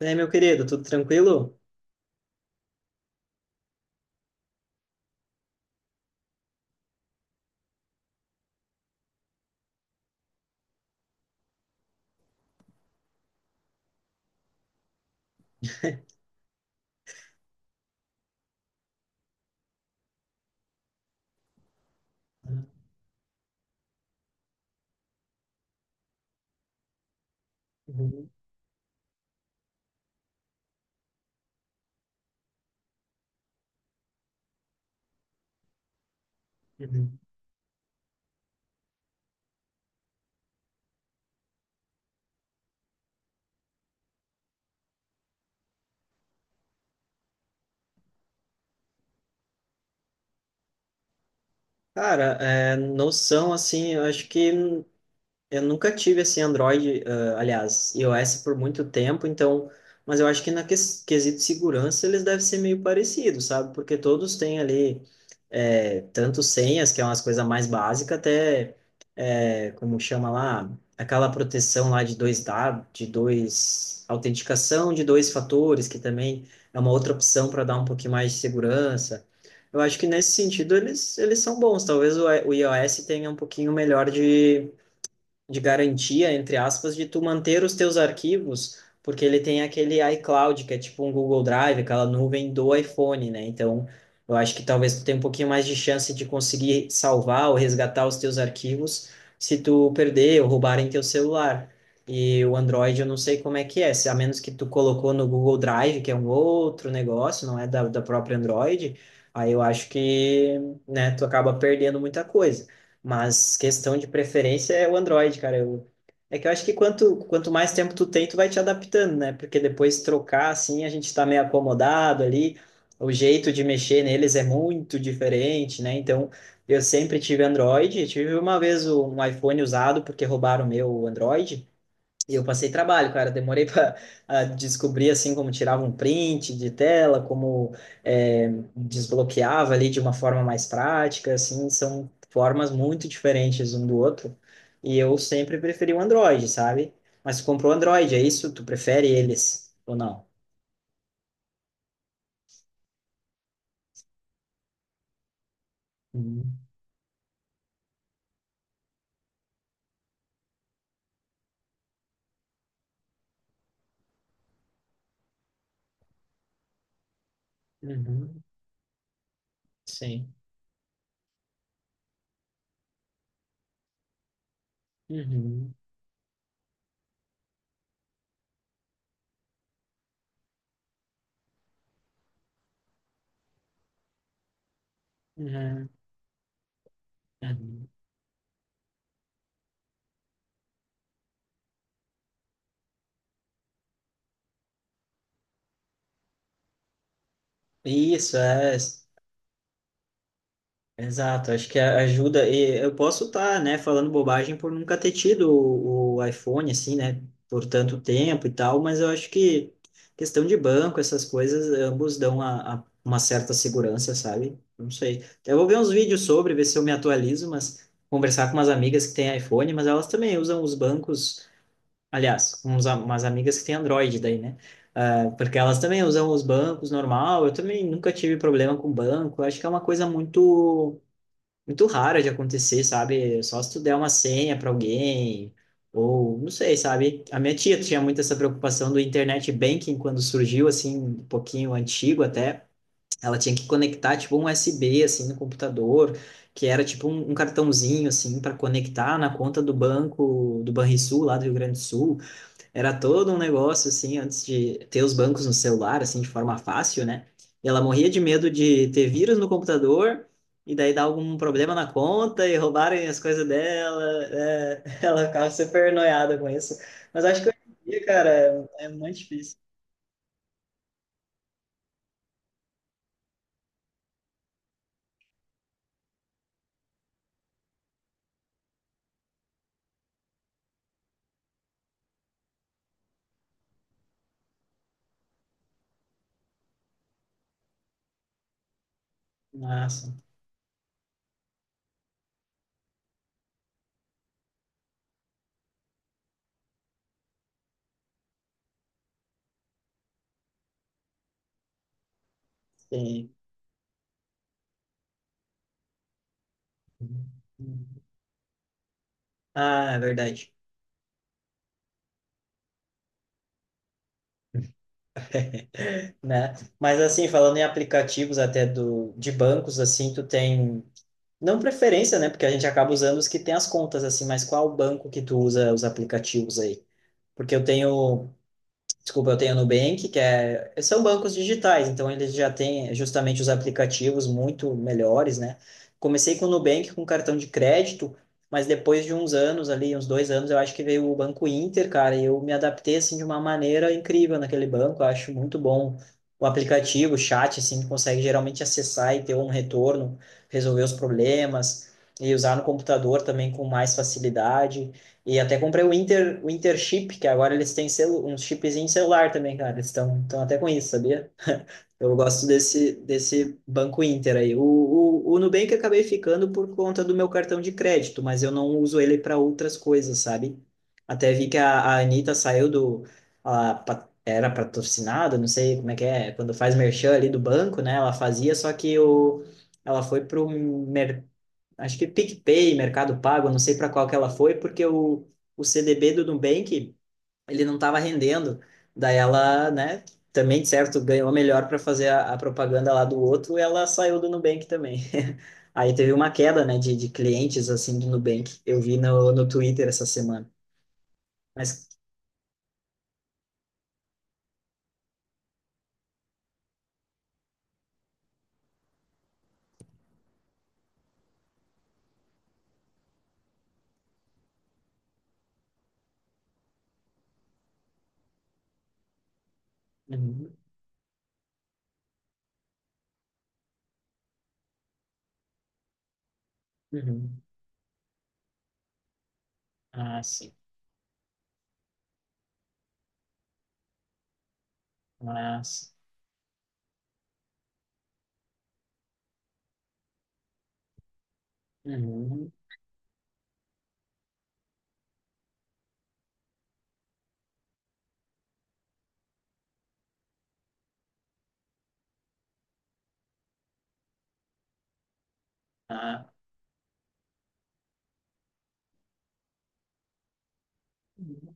É meu querido, tudo tranquilo? Uhum, uhum. Cara, é, noção, assim, eu acho que eu nunca tive assim Android, ah, aliás, iOS por muito tempo, então, mas eu acho que na quesito segurança eles devem ser meio parecidos, sabe? Porque todos têm ali é, tanto senhas, que é umas coisas mais básicas, até é, como chama lá, aquela proteção lá de dois dados, de dois autenticação de dois fatores, que também é uma outra opção para dar um pouquinho mais de segurança. Eu acho que nesse sentido eles são bons. Talvez o iOS tenha um pouquinho melhor de garantia, entre aspas, de tu manter os teus arquivos, porque ele tem aquele iCloud, que é tipo um Google Drive, aquela nuvem do iPhone, né? Então, eu acho que talvez tu tenha um pouquinho mais de chance de conseguir salvar ou resgatar os teus arquivos se tu perder ou roubarem teu celular. E o Android, eu não sei como é que é, se a menos que tu colocou no Google Drive, que é um outro negócio, não é da própria Android, aí eu acho que, né, tu acaba perdendo muita coisa. Mas questão de preferência é o Android, cara. Eu, é que eu acho que quanto mais tempo tu tem, tu vai te adaptando, né? Porque depois trocar, assim, a gente tá meio acomodado ali. O jeito de mexer neles é muito diferente, né? Então, eu sempre tive Android. Eu tive uma vez um iPhone usado porque roubaram o meu Android. E eu passei trabalho, cara. Demorei para descobrir assim como tirava um print de tela, como é, desbloqueava ali de uma forma mais prática. Assim, são formas muito diferentes um do outro. E eu sempre preferi o Android, sabe? Mas tu comprou o Android, é isso? Tu prefere eles ou não? Uhum. Uhum. Sim. Uhum. Uhum. Uhum. Isso, é. Exato, acho que ajuda. E eu posso estar, né, falando bobagem por nunca ter tido o iPhone, assim, né, por tanto tempo e tal, mas eu acho que questão de banco, essas coisas, ambos dão a, uma certa segurança, sabe? Não sei. Eu vou ver uns vídeos sobre, ver se eu me atualizo, mas conversar com umas amigas que têm iPhone, mas elas também usam os bancos, aliás, uns, umas amigas que têm Android daí, né? Ah, porque elas também usam os bancos normal, eu também nunca tive problema com banco, acho que é uma coisa muito muito rara de acontecer, sabe? Só se tu der uma senha para alguém, ou não sei, sabe? A minha tia tinha muito essa preocupação do internet banking quando surgiu, assim, um pouquinho antigo até. Ela tinha que conectar, tipo, um USB, assim, no computador, que era, tipo, um cartãozinho, assim, para conectar na conta do banco, do Banrisul, lá do Rio Grande do Sul. Era todo um negócio, assim, antes de ter os bancos no celular, assim, de forma fácil, né? E ela morria de medo de ter vírus no computador e daí dar algum problema na conta e roubarem as coisas dela. É, ela ficava super noiada com isso. Mas acho que hoje em dia, cara, é muito difícil. Nossa, sim. Ah, é verdade, né? Mas assim, falando em aplicativos até do, de bancos, assim, tu tem não preferência, né? Porque a gente acaba usando os que tem as contas, assim, mas qual banco que tu usa os aplicativos aí? Porque eu tenho desculpa, eu tenho a Nubank, que é, são bancos digitais, então eles já têm justamente os aplicativos muito melhores, né? Comecei com o Nubank, com cartão de crédito, mas depois de uns anos ali, uns dois anos, eu acho que veio o Banco Inter, cara, e eu me adaptei, assim, de uma maneira incrível naquele banco, eu acho muito bom o aplicativo, o chat, assim, que consegue geralmente acessar e ter um retorno, resolver os problemas, e usar no computador também com mais facilidade, e até comprei o Inter Chip, que agora eles têm celu um chipzinho de celular também, cara. Eles estão até com isso, sabia? Eu gosto desse, desse banco Inter aí. O Nubank eu acabei ficando por conta do meu cartão de crédito, mas eu não uso ele para outras coisas, sabe? Até vi que a Anitta saiu do. A, era patrocinada, não sei como é que é, quando faz merchan ali do banco, né? Ela fazia, só que o, ela foi para o acho que PicPay, Mercado Pago, eu não sei para qual que ela foi, porque o CDB do Nubank, ele não estava rendendo. Daí ela, né, também, de certo, ganhou melhor para fazer a propaganda lá do outro, e ela saiu do Nubank também. Aí teve uma queda, né, de clientes, assim, do Nubank. Eu vi no, no Twitter essa semana. Mas... Uhum, uhum. Ah, sim. Ah, sim. Uhum. Ah. Uhum.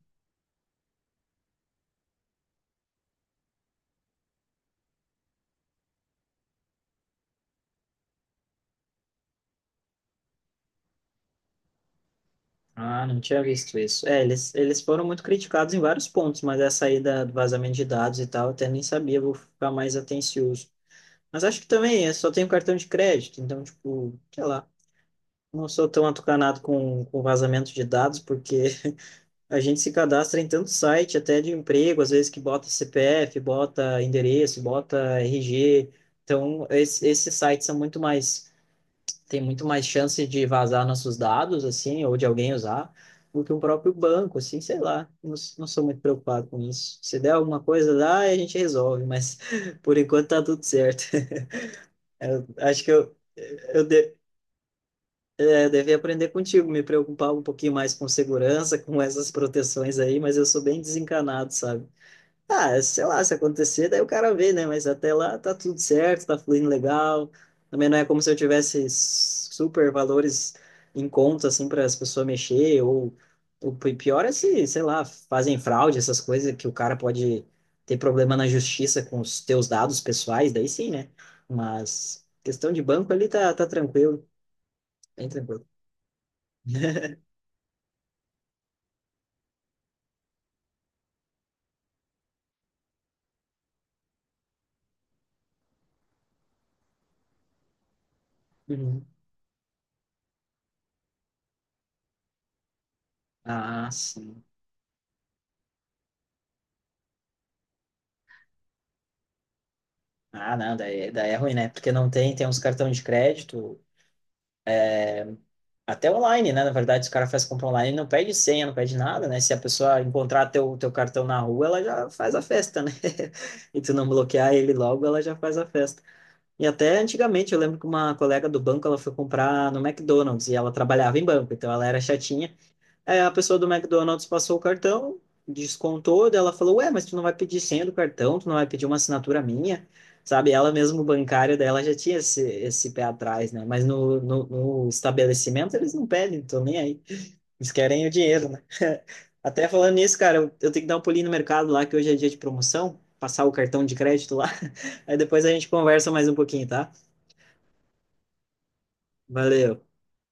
Ah, não tinha visto isso. É, eles foram muito criticados em vários pontos, mas essa aí da, do vazamento de dados e tal, eu até nem sabia, vou ficar mais atencioso. Mas acho que também, eu só tenho cartão de crédito, então, tipo, sei lá, não sou tão atucanado com vazamento de dados, porque a gente se cadastra em tanto site, até de emprego, às vezes que bota CPF, bota endereço, bota RG. Então, esses sites são muito mais tem muito mais chance de vazar nossos dados, assim, ou de alguém usar, do que o próprio banco, assim, sei lá. Não, não sou muito preocupado com isso. Se der alguma coisa lá, a gente resolve, mas por enquanto tá tudo certo. Acho que eu, de, é, devia aprender contigo, me preocupar um pouquinho mais com segurança, com essas proteções aí, mas eu sou bem desencanado, sabe? Ah, sei lá, se acontecer, daí o cara vê, né? Mas até lá tá tudo certo, tá fluindo legal. Também não é como se eu tivesse super valores em conta, assim, para as pessoas mexer. Ou o pior é se, sei lá, fazem fraude, essas coisas que o cara pode ter problema na justiça com os teus dados pessoais, daí sim, né? Mas questão de banco ali tá, tá tranquilo, bem tranquilo. Uhum. Ah, sim. Ah, não, daí, daí é ruim, né? Porque não tem, tem uns cartões de crédito. Até online, né? Na verdade, os caras fazem compra online, não pede senha, não pede nada, né? Se a pessoa encontrar teu, teu cartão na rua, ela já faz a festa, né? E tu não bloquear ele logo, ela já faz a festa. E até antigamente, eu lembro que uma colega do banco, ela foi comprar no McDonald's e ela trabalhava em banco, então ela era chatinha. Aí a pessoa do McDonald's passou o cartão, descontou, daí ela falou: Ué, mas tu não vai pedir senha do cartão, tu não vai pedir uma assinatura minha, sabe? Ela mesmo, bancária dela, já tinha esse, esse pé atrás, né? Mas no estabelecimento eles não pedem, então nem aí. Eles querem o dinheiro, né? Até falando nisso, cara, eu tenho que dar um pulinho no mercado lá, que hoje é dia de promoção, passar o cartão de crédito lá. Aí depois a gente conversa mais um pouquinho, tá? Valeu.